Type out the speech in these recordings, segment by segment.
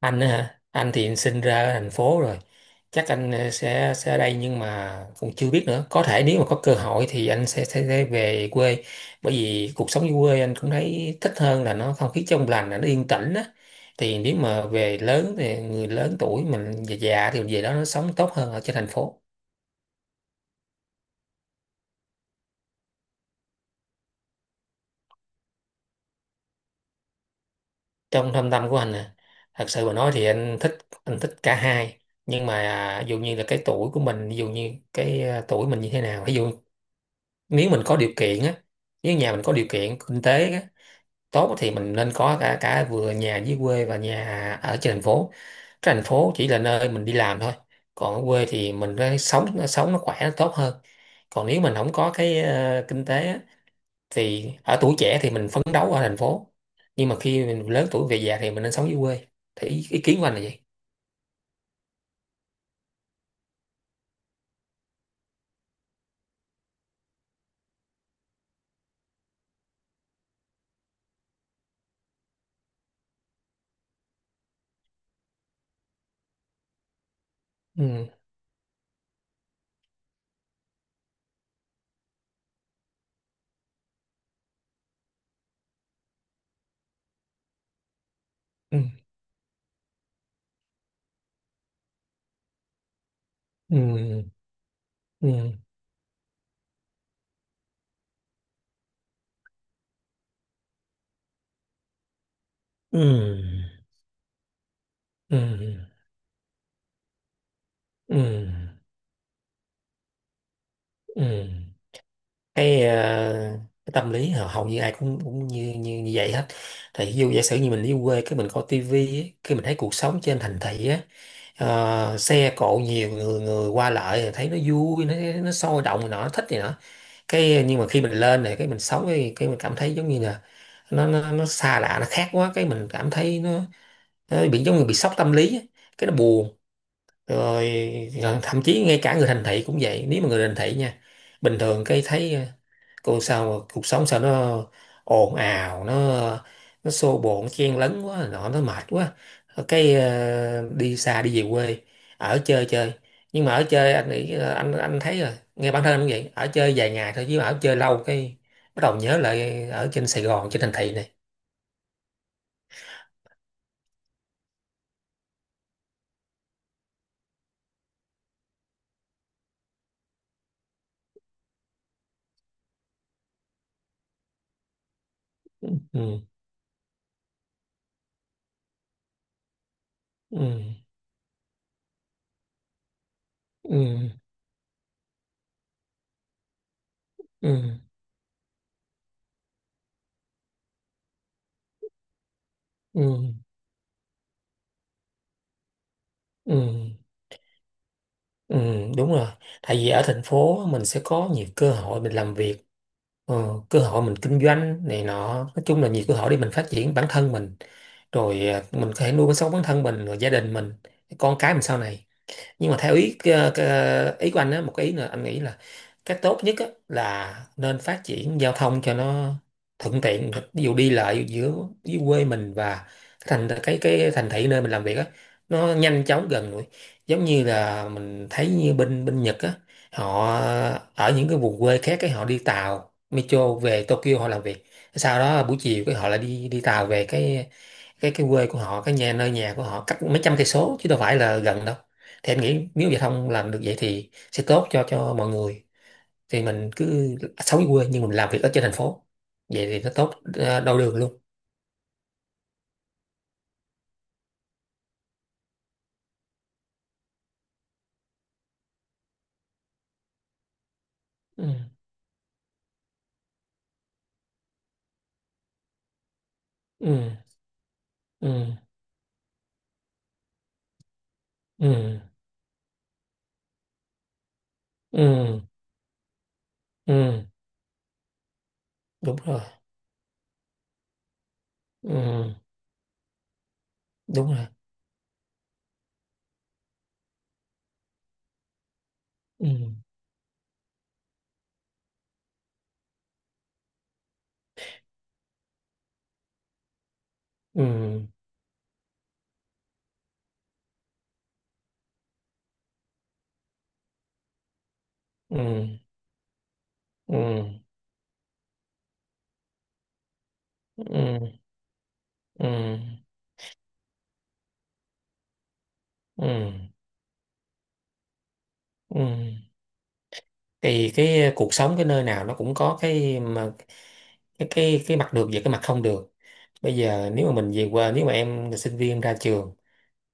Anh á hả? Anh thì sinh ra ở thành phố rồi, chắc anh sẽ ở đây, nhưng mà cũng chưa biết nữa, có thể nếu mà có cơ hội thì anh sẽ về quê. Bởi vì cuộc sống dưới quê anh cũng thấy thích hơn, là nó không khí trong lành, là nó yên tĩnh á. Thì nếu mà về lớn thì người lớn tuổi mình già già thì về đó nó sống tốt hơn ở trên thành phố. Trong thâm tâm của anh nè, thật sự mà nói thì anh thích cả hai. Nhưng mà ví dụ như là cái tuổi của mình, ví dụ như cái tuổi mình như thế nào, ví dụ nếu mình có điều kiện á, nếu nhà mình có điều kiện kinh tế á, tốt thì mình nên có cả cả vừa nhà dưới quê và nhà ở trên thành phố. Cái thành phố chỉ là nơi mình đi làm thôi, còn ở quê thì mình nó sống nó khỏe nó tốt hơn. Còn nếu mình không có cái kinh tế á, thì ở tuổi trẻ thì mình phấn đấu ở thành phố, nhưng mà khi mình lớn tuổi về già thì mình nên sống dưới quê. Thì ý kiến của anh là gì? Ừ. Ừ. Ừ. Ừ. Ừ. Ừ. Ừ. Ừ. cái, ờ, cái tâm lý hầu hầu như ai cũng cũng như như, như vậy hết. Thì ví dụ giả sử như mình đi quê cái mình coi tivi á, cái mình thấy cuộc sống trên thành thị á, xe cộ, nhiều người người qua lại thì thấy nó vui, nó sôi động này nọ nó thích này nọ. Cái nhưng mà khi mình lên này cái mình sống cái mình cảm thấy giống như là nó xa lạ nó khác quá, cái mình cảm thấy nó bị giống như bị sốc tâm lý á. Cái nó buồn rồi, rồi thậm chí ngay cả người thành thị cũng vậy. Nếu mà người thành thị nha, bình thường cái thấy còn sao mà cuộc sống sao nó ồn ào nó xô bộn chen lấn quá nọ nó mệt quá, cái đi xa đi về quê ở chơi chơi. Nhưng mà ở chơi anh nghĩ là anh thấy rồi, nghe bản thân anh cũng vậy, ở chơi vài ngày thôi chứ mà ở chơi lâu cái bắt đầu nhớ lại ở trên Sài Gòn trên thành thị này. Ừ. Ừ. Ừ. Ừ. Ừ. Ừ. Ừ. Ừ, đúng rồi. Tại vì ở thành phố mình sẽ có nhiều cơ hội mình làm việc, cơ hội mình kinh doanh này nọ, nói chung là nhiều cơ hội để mình phát triển bản thân mình, rồi mình có thể nuôi sống bản thân mình rồi gia đình mình con cái mình sau này. Nhưng mà theo ý của anh á, một cái ý nữa anh nghĩ là cái tốt nhất á, là nên phát triển giao thông cho nó thuận tiện, ví dụ đi lại giữa dưới quê mình và cái thành thị nơi mình làm việc á, nó nhanh chóng gần gũi, giống như là mình thấy như bên bên Nhật á. Họ ở những cái vùng quê khác cái họ đi tàu metro về Tokyo họ làm việc, sau đó buổi chiều cái họ lại đi đi tàu về cái quê của họ, cái nhà nơi nhà của họ cách mấy trăm cây số chứ đâu phải là gần đâu. Thì anh nghĩ nếu giao thông làm được vậy thì sẽ tốt cho mọi người, thì mình cứ sống ở quê nhưng mình làm việc ở trên thành phố, vậy thì nó tốt đôi đường luôn. Ừ. Ừ. Ừ. Ừ. Ừ. Ừ. Đúng rồi. Ừ. Đúng rồi. Ừ. Ừ. Ừ. Ừ. Ừ. Ừ. Ừ. Ừ. Thì cái cuộc sống cái nơi nào nó cũng có cái mà cái mặt được và cái mặt không được. Bây giờ nếu mà mình về quê, nếu mà em là sinh viên ra trường,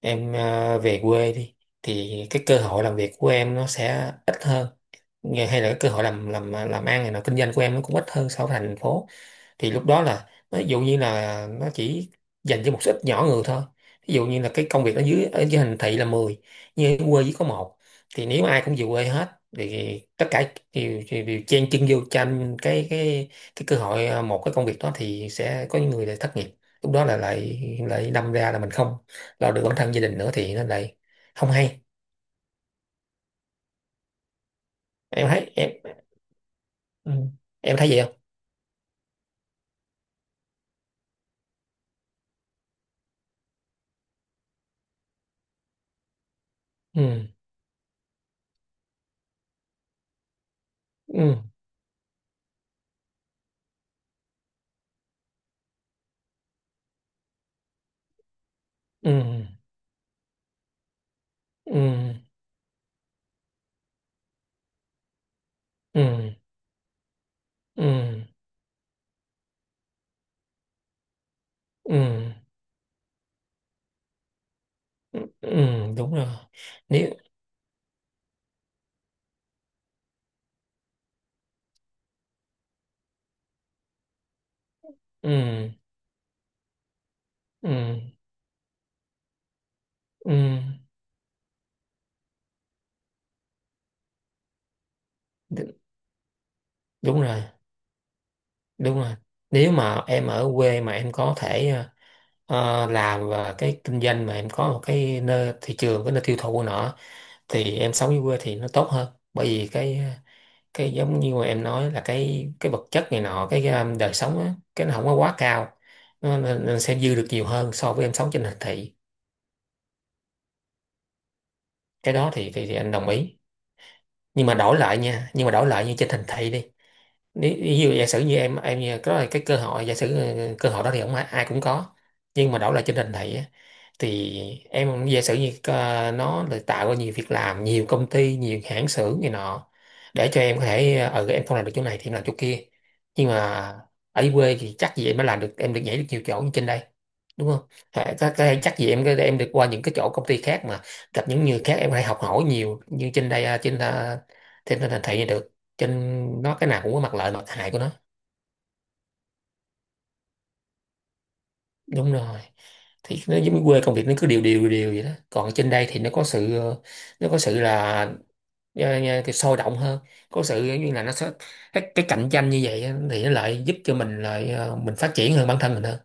em về quê đi thì cái cơ hội làm việc của em nó sẽ ít hơn, nghề hay là cái cơ hội làm ăn này nọ kinh doanh của em nó cũng ít hơn so với thành phố. Thì lúc đó là ví dụ như là nó chỉ dành cho một số ít nhỏ người thôi, ví dụ như là cái công việc ở dưới thành thị là 10, nhưng ở quê chỉ có một. Thì nếu ai cũng về quê hết thì tất cả đều chen chân vô tranh cái cơ hội một cái công việc đó thì sẽ có những người lại thất nghiệp. Lúc đó là lại lại đâm ra là mình không lo được bản thân gia đình nữa thì nó lại không hay. Em thấy em. Ừ. Em thấy vậy không? Ừ. Ừ. Ừ. Ừ. Ừ. Ừ. Ừ. Ừ. Ừ, đúng rồi. Nếu. Ừ. Ừ. Ừ. đ- Đúng rồi, đúng rồi. Nếu mà em ở quê mà em có thể làm và cái kinh doanh mà em có một cái nơi thị trường, cái nơi tiêu thụ của nó thì em sống dưới quê thì nó tốt hơn. Bởi vì cái giống như mà em nói là cái vật chất này nọ cái, đời sống á cái nó không có quá cao, nó sẽ dư được nhiều hơn so với em sống trên thành thị. Cái đó thì anh đồng ý. Nhưng mà đổi lại nha, nhưng mà đổi lại như trên thành thị đi, nếu ví dụ giả sử như em như có cái cơ hội giả sử cơ hội đó thì không ai, ai cũng có. Nhưng mà đổi lại trên nền này á, thì em giả sử như nó là tạo ra nhiều việc làm nhiều công ty nhiều hãng xưởng này nọ để cho em có thể em không làm được chỗ này thì em làm chỗ kia. Nhưng mà ở quê thì chắc gì em mới làm được, em được nhảy được nhiều chỗ như trên đây, đúng không? Có thể chắc gì em được qua những cái chỗ công ty khác mà gặp những người khác em có thể học hỏi nhiều như trên đây trên thành thị này được. Trên nó cái nào cũng có mặt lợi mặt hại của nó. Đúng rồi. Thì nó giống như quê công việc nó cứ đều đều đều vậy đó, còn trên đây thì nó có sự là cái sôi động hơn, có sự giống như là nó sẽ cái cạnh tranh như vậy á, thì nó lại giúp cho mình lại mình phát triển hơn bản thân mình hơn,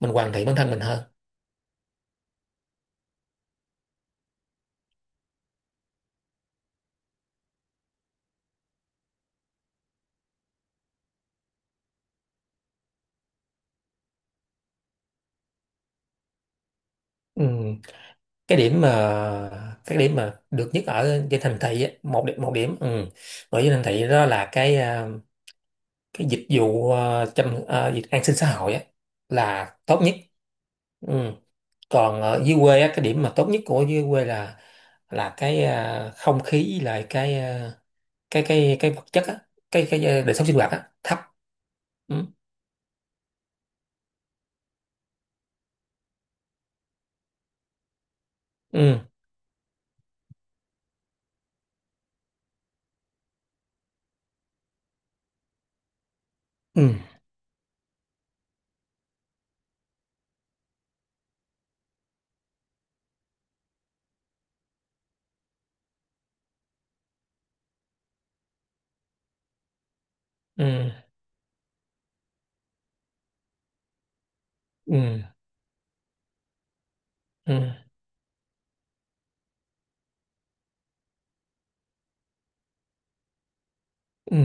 mình hoàn thiện bản thân mình hơn. Ừ. cái điểm mà cái điểm mà được nhất ở trên thành thị á, một điểm một điểm. Ừ. Ở trên thành thị đó là cái dịch vụ dịch an sinh xã hội á là tốt nhất. Ừ. Còn ở dưới quê á cái điểm mà tốt nhất của dưới quê là cái không khí với lại cái cái vật chất á đời sống sinh hoạt á thấp. Ừ. Ừ. Ừ. Ừ. Ừ. Ừ. Ừ.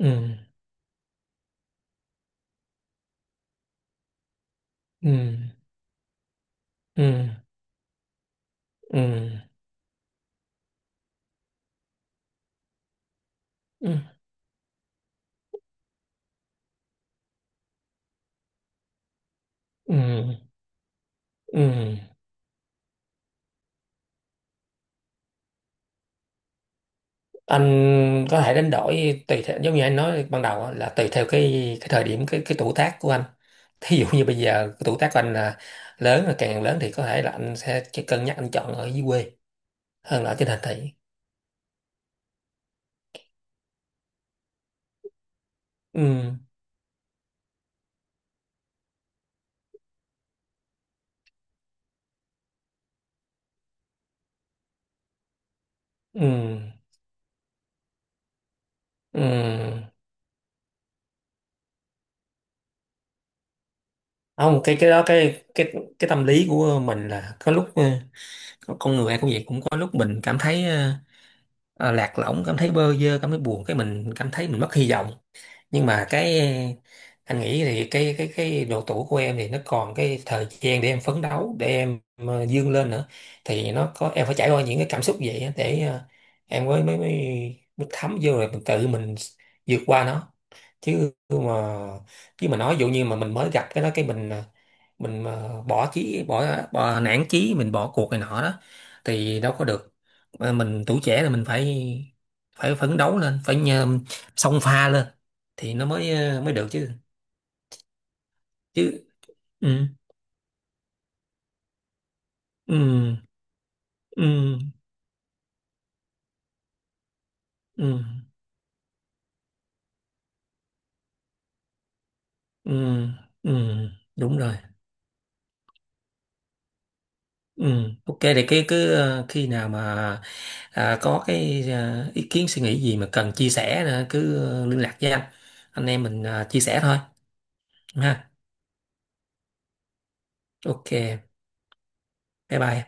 Ừ. Ừ. Ừ. Ừ. Ừ. Ừ. Ừ. Anh có thể đánh đổi tùy theo giống như anh nói ban đầu á, là tùy theo cái thời điểm cái tuổi tác của anh. Thí dụ như bây giờ cái tuổi tác của anh là lớn, là càng lớn thì có thể là anh sẽ chỉ cân nhắc anh chọn ở dưới quê hơn là ở trên thành thị. Ừ. Ừ. Ừ. Không, cái đó cái tâm lý của mình là có lúc con người ai cũng vậy, cũng có lúc mình cảm thấy lạc lõng, cảm thấy bơ vơ, cảm thấy buồn, cái mình cảm thấy mình mất hy vọng. Nhưng mà cái anh nghĩ thì cái độ tuổi của em thì nó còn cái thời gian để em phấn đấu, để em vươn lên nữa, thì nó có em phải trải qua những cái cảm xúc vậy á để em mới thấm vô rồi mình tự mình vượt qua nó. Chứ mà chứ mà nói dụ như mà mình mới gặp cái đó cái mình mình mà bỏ nản chí, mình bỏ cuộc này nọ đó thì đâu có được. Mà mình tuổi trẻ là mình phải phải phấn đấu lên, phải xông pha lên thì nó mới mới được chứ. Chứ. Ừ. Ừ. Ừ. Ừ. Ừ. Ừ, đúng rồi. Ừ, ok thì cái cứ khi nào mà. À, có cái ý kiến suy nghĩ gì mà cần chia sẻ nữa, cứ liên lạc với anh em mình chia sẻ thôi. Ha. Ok, bye bye.